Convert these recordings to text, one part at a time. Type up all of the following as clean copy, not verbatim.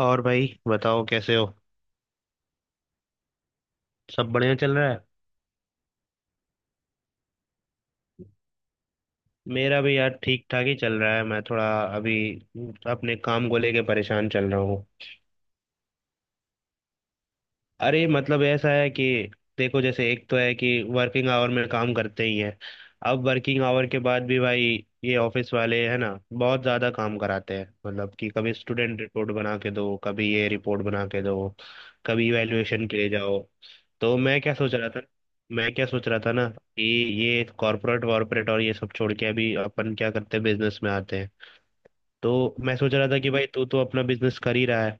और भाई बताओ कैसे हो। सब बढ़िया चल रहा है। मेरा भी यार ठीक ठाक ही चल रहा है, मैं थोड़ा अभी अपने काम को लेके परेशान चल रहा हूँ। अरे मतलब ऐसा है कि देखो जैसे एक तो है कि वर्किंग आवर में काम करते ही हैं, अब वर्किंग आवर के बाद भी भाई ये ऑफिस वाले है ना बहुत ज़्यादा काम कराते हैं। मतलब कि कभी स्टूडेंट रिपोर्ट बना के दो, कभी ये रिपोर्ट बना के दो, कभी इवैल्यूएशन के लिए जाओ। तो मैं क्या सोच रहा था, मैं क्या सोच रहा था ना कि ये कॉर्पोरेट वॉर्पोरेट और ये सब छोड़ के अभी अपन क्या करते हैं, बिजनेस में आते हैं। तो मैं सोच रहा था कि भाई तू तो अपना बिजनेस कर ही रहा है,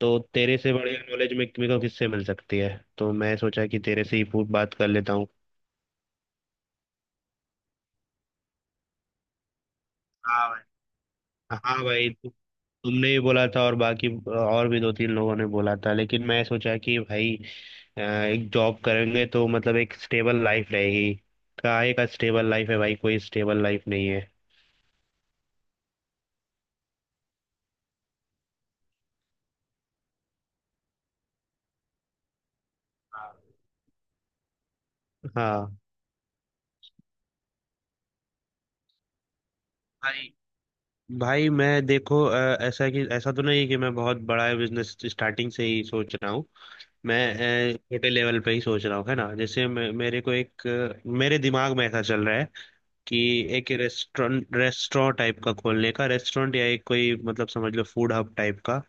तो तेरे से बढ़िया नॉलेज में मेरे को किससे मिल सकती है। तो मैं सोचा कि तेरे से ही पूछ बात कर लेता हूँ। हाँ भाई। हाँ भाई तु, तुमने भी बोला था और बाकी और भी दो तीन लोगों ने बोला था, लेकिन मैं सोचा कि भाई एक जॉब करेंगे तो मतलब एक स्टेबल लाइफ रहेगी। कहाँ एक स्टेबल लाइफ है भाई, कोई स्टेबल लाइफ नहीं है। हाँ भाई। भाई मैं देखो ऐसा कि ऐसा तो नहीं है कि मैं बहुत बड़ा बिजनेस स्टार्टिंग से ही सोच रहा हूँ। मैं छोटे लेवल पे ही सोच रहा हूँ, है ना। जैसे मेरे को एक मेरे दिमाग में ऐसा चल रहा है कि एक रेस्टोरेंट रेस्टोरेंट टाइप का खोलने का, रेस्टोरेंट या एक कोई मतलब समझ लो फूड हब टाइप का,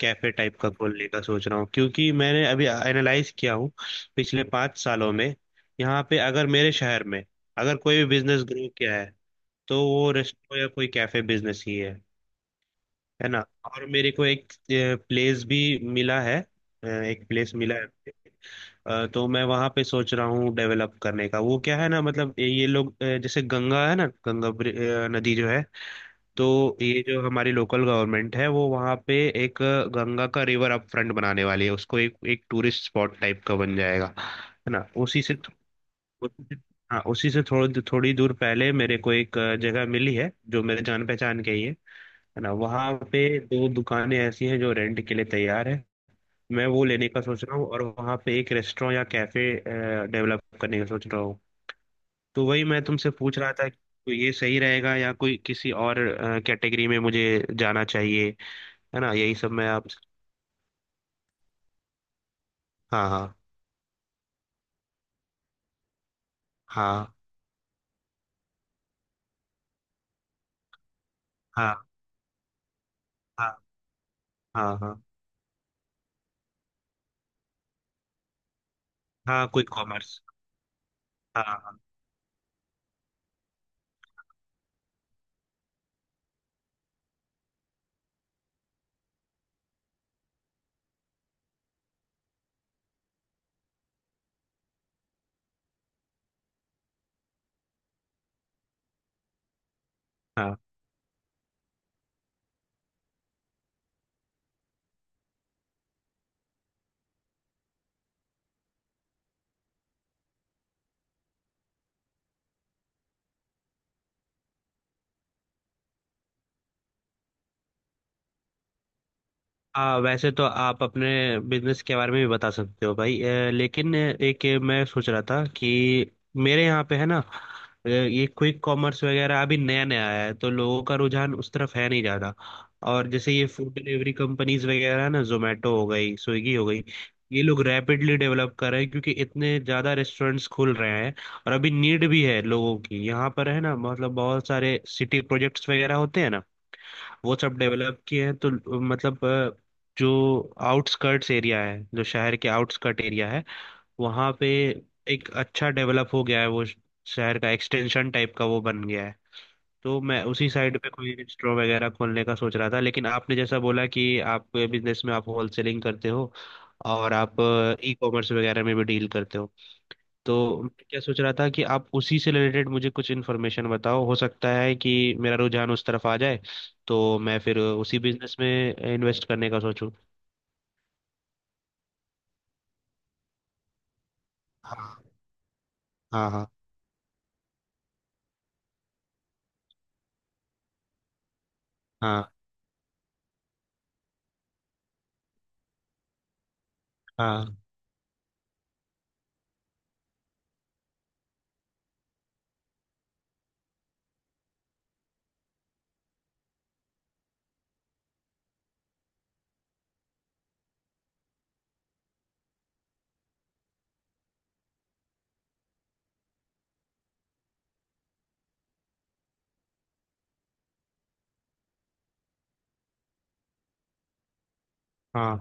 कैफे टाइप का खोलने का सोच रहा हूँ। क्योंकि मैंने अभी एनालाइज किया हूँ, पिछले पाँच सालों में यहाँ पे अगर मेरे शहर में अगर कोई भी बिजनेस ग्रो किया है तो वो रेस्टोरेंट या कोई कैफे बिजनेस ही है ना। और मेरे को एक प्लेस भी मिला है। एक प्लेस मिला है। तो मैं वहाँ पे सोच रहा हूँ डेवलप करने का। वो क्या है ना मतलब ये लोग जैसे गंगा है ना, नदी जो है, तो ये जो हमारी लोकल गवर्नमेंट है वो वहाँ पे एक गंगा का रिवर अप फ्रंट बनाने वाली है, उसको एक एक टूरिस्ट स्पॉट टाइप का बन जाएगा, है ना, उसी से। उसी से- हाँ उसी से थोड़ी थोड़ी दूर पहले मेरे को एक जगह मिली है जो मेरे जान पहचान के ही है ना। वहाँ पे दो दुकानें ऐसी हैं जो रेंट के लिए तैयार है। मैं वो लेने का सोच रहा हूँ और वहाँ पे एक रेस्टोरेंट या कैफे डेवलप करने का सोच रहा हूँ। तो वही मैं तुमसे पूछ रहा था कि तो ये सही रहेगा या कोई किसी और कैटेगरी में मुझे जाना चाहिए, है ना। यही सब मैं आप। हाँ हाँ। हाँ हाँ। हाँ हाँ। हाँ हाँ क्विक कॉमर्स। हाँ quick commerce, हाँ। हाँ। आ, वैसे तो आप अपने बिजनेस के बारे में भी बता सकते हो भाई। लेकिन एक ये मैं सोच रहा था कि मेरे यहाँ पे है ना ये क्विक कॉमर्स वगैरह अभी नया नया आया है तो लोगों का रुझान उस तरफ है नहीं ज़्यादा। और जैसे ये फूड डिलीवरी कंपनीज वगैरह है ना, जोमेटो हो गई, स्विगी हो गई, ये लोग रैपिडली डेवलप कर रहे हैं क्योंकि इतने ज़्यादा रेस्टोरेंट्स खुल रहे हैं। और अभी नीड भी है लोगों की यहाँ पर, है ना। मतलब बहुत सारे सिटी प्रोजेक्ट्स वगैरह होते हैं ना, वो सब डेवलप किए हैं। तो मतलब जो आउटस्कर्ट्स एरिया है, जो शहर के आउटस्कर्ट एरिया है, वहाँ पे एक अच्छा डेवलप हो गया है, शहर का एक्सटेंशन टाइप का वो बन गया है। तो मैं उसी साइड पे कोई रेस्टोरेंट वगैरह खोलने का सोच रहा था, लेकिन आपने जैसा बोला कि आप बिजनेस में आप होलसेलिंग करते हो और आप ई कॉमर्स वगैरह में भी डील करते हो। तो मैं क्या सोच रहा था कि आप उसी से रिलेटेड मुझे कुछ इन्फॉर्मेशन बताओ, हो सकता है कि मेरा रुझान उस तरफ आ जाए, तो मैं फिर उसी बिजनेस में इन्वेस्ट करने का सोचूं। हाँ हाँ। हाँ हाँ। हाँ हाँ।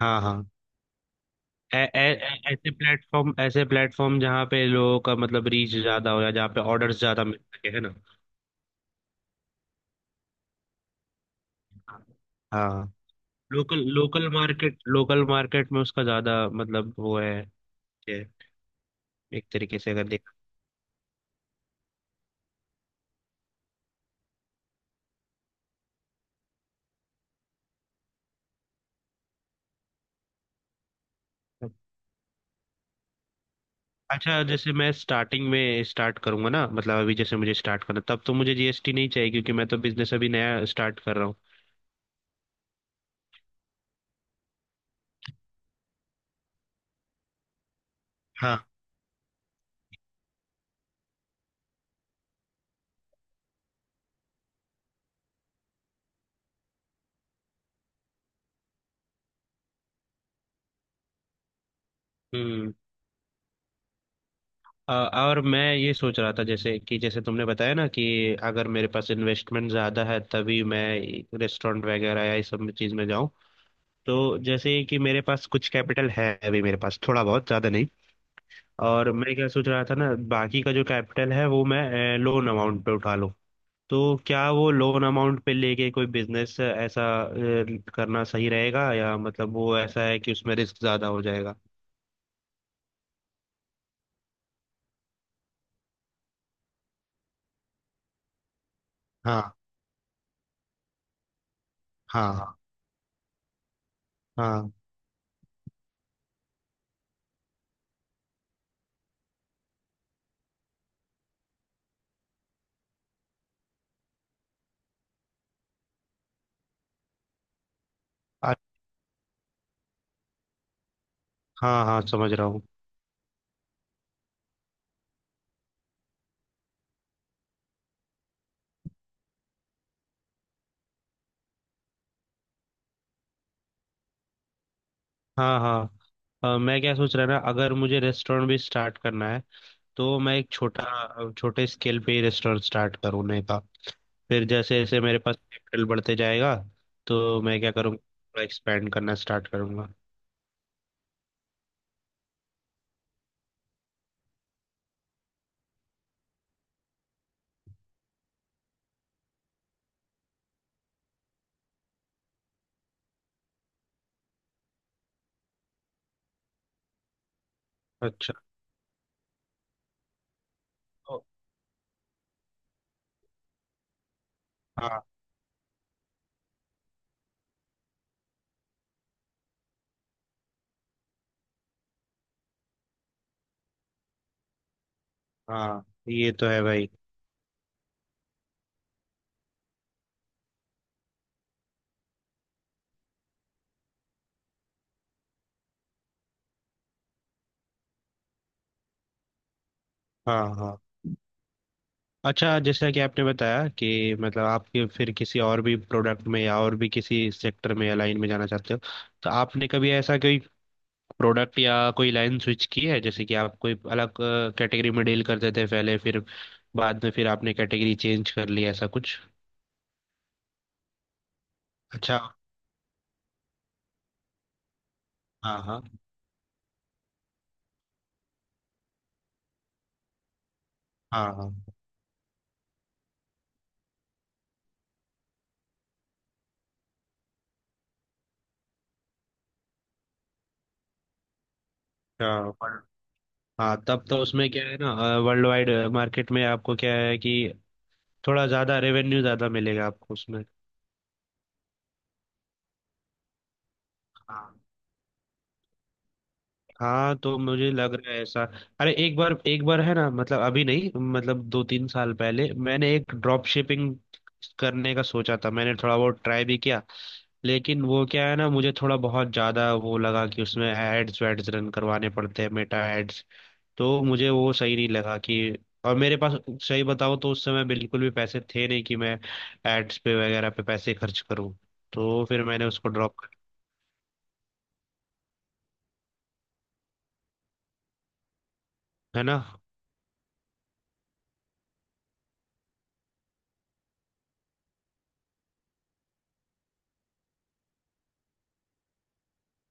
हाँ हाँ हाँ। ऐसे प्लेटफॉर्म, ऐसे प्लेटफॉर्म जहाँ पे लोगों का मतलब रीच ज्यादा हो या जहाँ पे ऑर्डर्स ज्यादा मिल सके, है ना। हाँ local local market, local market में उसका ज्यादा मतलब वो है, एक तरीके से अगर देखा। अच्छा जैसे मैं स्टार्टिंग में स्टार्ट करूंगा ना, मतलब अभी जैसे मुझे स्टार्ट करना, तब तो मुझे जीएसटी नहीं चाहिए क्योंकि मैं तो बिजनेस अभी नया स्टार्ट कर रहा हूँ। हाँ। हम्म। और मैं ये सोच रहा था जैसे कि जैसे तुमने बताया ना कि अगर मेरे पास इन्वेस्टमेंट ज़्यादा है तभी मैं रेस्टोरेंट वगैरह या इस सब में चीज़ में जाऊं। तो जैसे कि मेरे पास कुछ कैपिटल है अभी, मेरे पास थोड़ा बहुत ज़्यादा नहीं। और मैं क्या सोच रहा था ना, बाकी का जो कैपिटल है वो मैं लोन अमाउंट पे उठा लूं। तो क्या वो लोन अमाउंट पे लेके कोई बिजनेस ऐसा करना सही रहेगा, या मतलब वो ऐसा है कि उसमें रिस्क ज्यादा हो जाएगा। हाँ हाँ। हाँ। हाँ अ- हाँ हाँ, समझ रहा हूँ। हाँ हाँ। मैं क्या सोच रहा ना, अगर मुझे रेस्टोरेंट भी स्टार्ट करना है तो मैं एक छोटा छोटे स्केल पे ही रेस्टोरेंट स्टार्ट करूँने का। फिर जैसे जैसे मेरे पास कैपिटल बढ़ते जाएगा तो मैं क्या करूँगा, थोड़ा एक्सपेंड करना स्टार्ट करूँगा। अच्छा। तो- हाँ हाँ, ये तो है भाई। हाँ हाँ। अच्छा जैसा कि आपने बताया कि मतलब फिर किसी और भी प्रोडक्ट में या और भी किसी सेक्टर में या लाइन में जाना चाहते हो, तो आपने कभी ऐसा कोई प्रोडक्ट या कोई लाइन स्विच की है, जैसे कि आप कोई अलग कैटेगरी में डील करते थे पहले, फिर बाद में फिर आपने कैटेगरी चेंज कर ली ऐसा कुछ। अच्छा। हाँ हाँ। हाँ हाँ। अच्छा, पर- हाँ तब तो उसमें क्या है ना, वर्ल्ड वाइड मार्केट में आपको क्या है कि थोड़ा ज़्यादा रेवेन्यू ज़्यादा मिलेगा आपको उसमें। हाँ तो मुझे लग रहा है ऐसा। अरे एक बार है ना, मतलब अभी नहीं मतलब दो तीन साल पहले मैंने एक ड्रॉप शिपिंग करने का सोचा था, मैंने थोड़ा बहुत ट्राई भी किया। लेकिन वो क्या है ना, मुझे थोड़ा बहुत ज्यादा वो लगा कि उसमें एड्स वैड्स रन करवाने पड़ते हैं, मेटा एड्स। तो मुझे वो सही नहीं लगा कि, और मेरे पास सही बताऊँ तो उस समय बिल्कुल भी पैसे थे नहीं कि मैं एड्स पे वगैरह पे पैसे खर्च करूँ। तो फिर मैंने उसको ड्रॉप कर, है ना।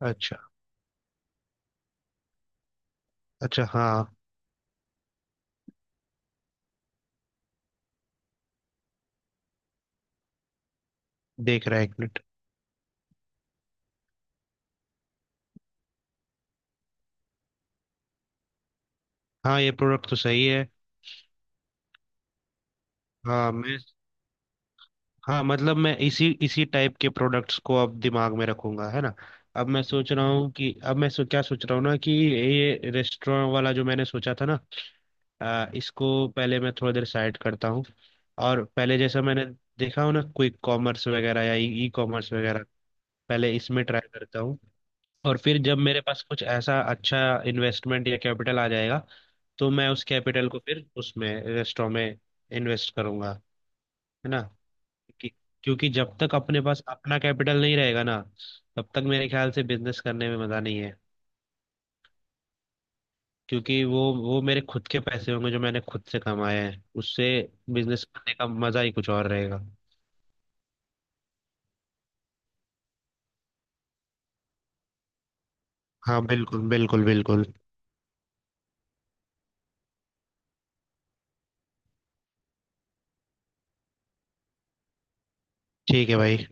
अच्छा। अच्छा हाँ। देख रहा है एक मिनट। हाँ ये प्रोडक्ट तो सही है। हाँ मैं, हाँ मतलब मैं इसी इसी टाइप के प्रोडक्ट्स को अब दिमाग में रखूंगा, है ना। अब मैं सोच रहा हूँ कि क्या सोच रहा हूँ ना कि ये रेस्टोरेंट वाला जो मैंने सोचा था ना इसको पहले मैं थोड़ा देर साइड करता हूँ। और पहले जैसा मैंने देखा हो ना, क्विक कॉमर्स वगैरह या ई कॉमर्स वगैरह, पहले इसमें ट्राई करता हूँ। और फिर जब मेरे पास कुछ ऐसा अच्छा इन्वेस्टमेंट या कैपिटल आ जाएगा तो मैं उस कैपिटल को फिर उसमें रेस्टोरेंट में इन्वेस्ट करूंगा, है ना। कि- क्योंकि जब तक अपने पास अपना कैपिटल नहीं रहेगा ना, तब तक मेरे ख्याल से बिजनेस करने में मजा नहीं है। क्योंकि वो मेरे खुद के पैसे होंगे जो मैंने खुद से कमाए हैं, उससे बिजनेस करने का मजा ही कुछ और रहेगा। हाँ बिल्कुल बिल्कुल बिल्कुल। ठीक है भाई।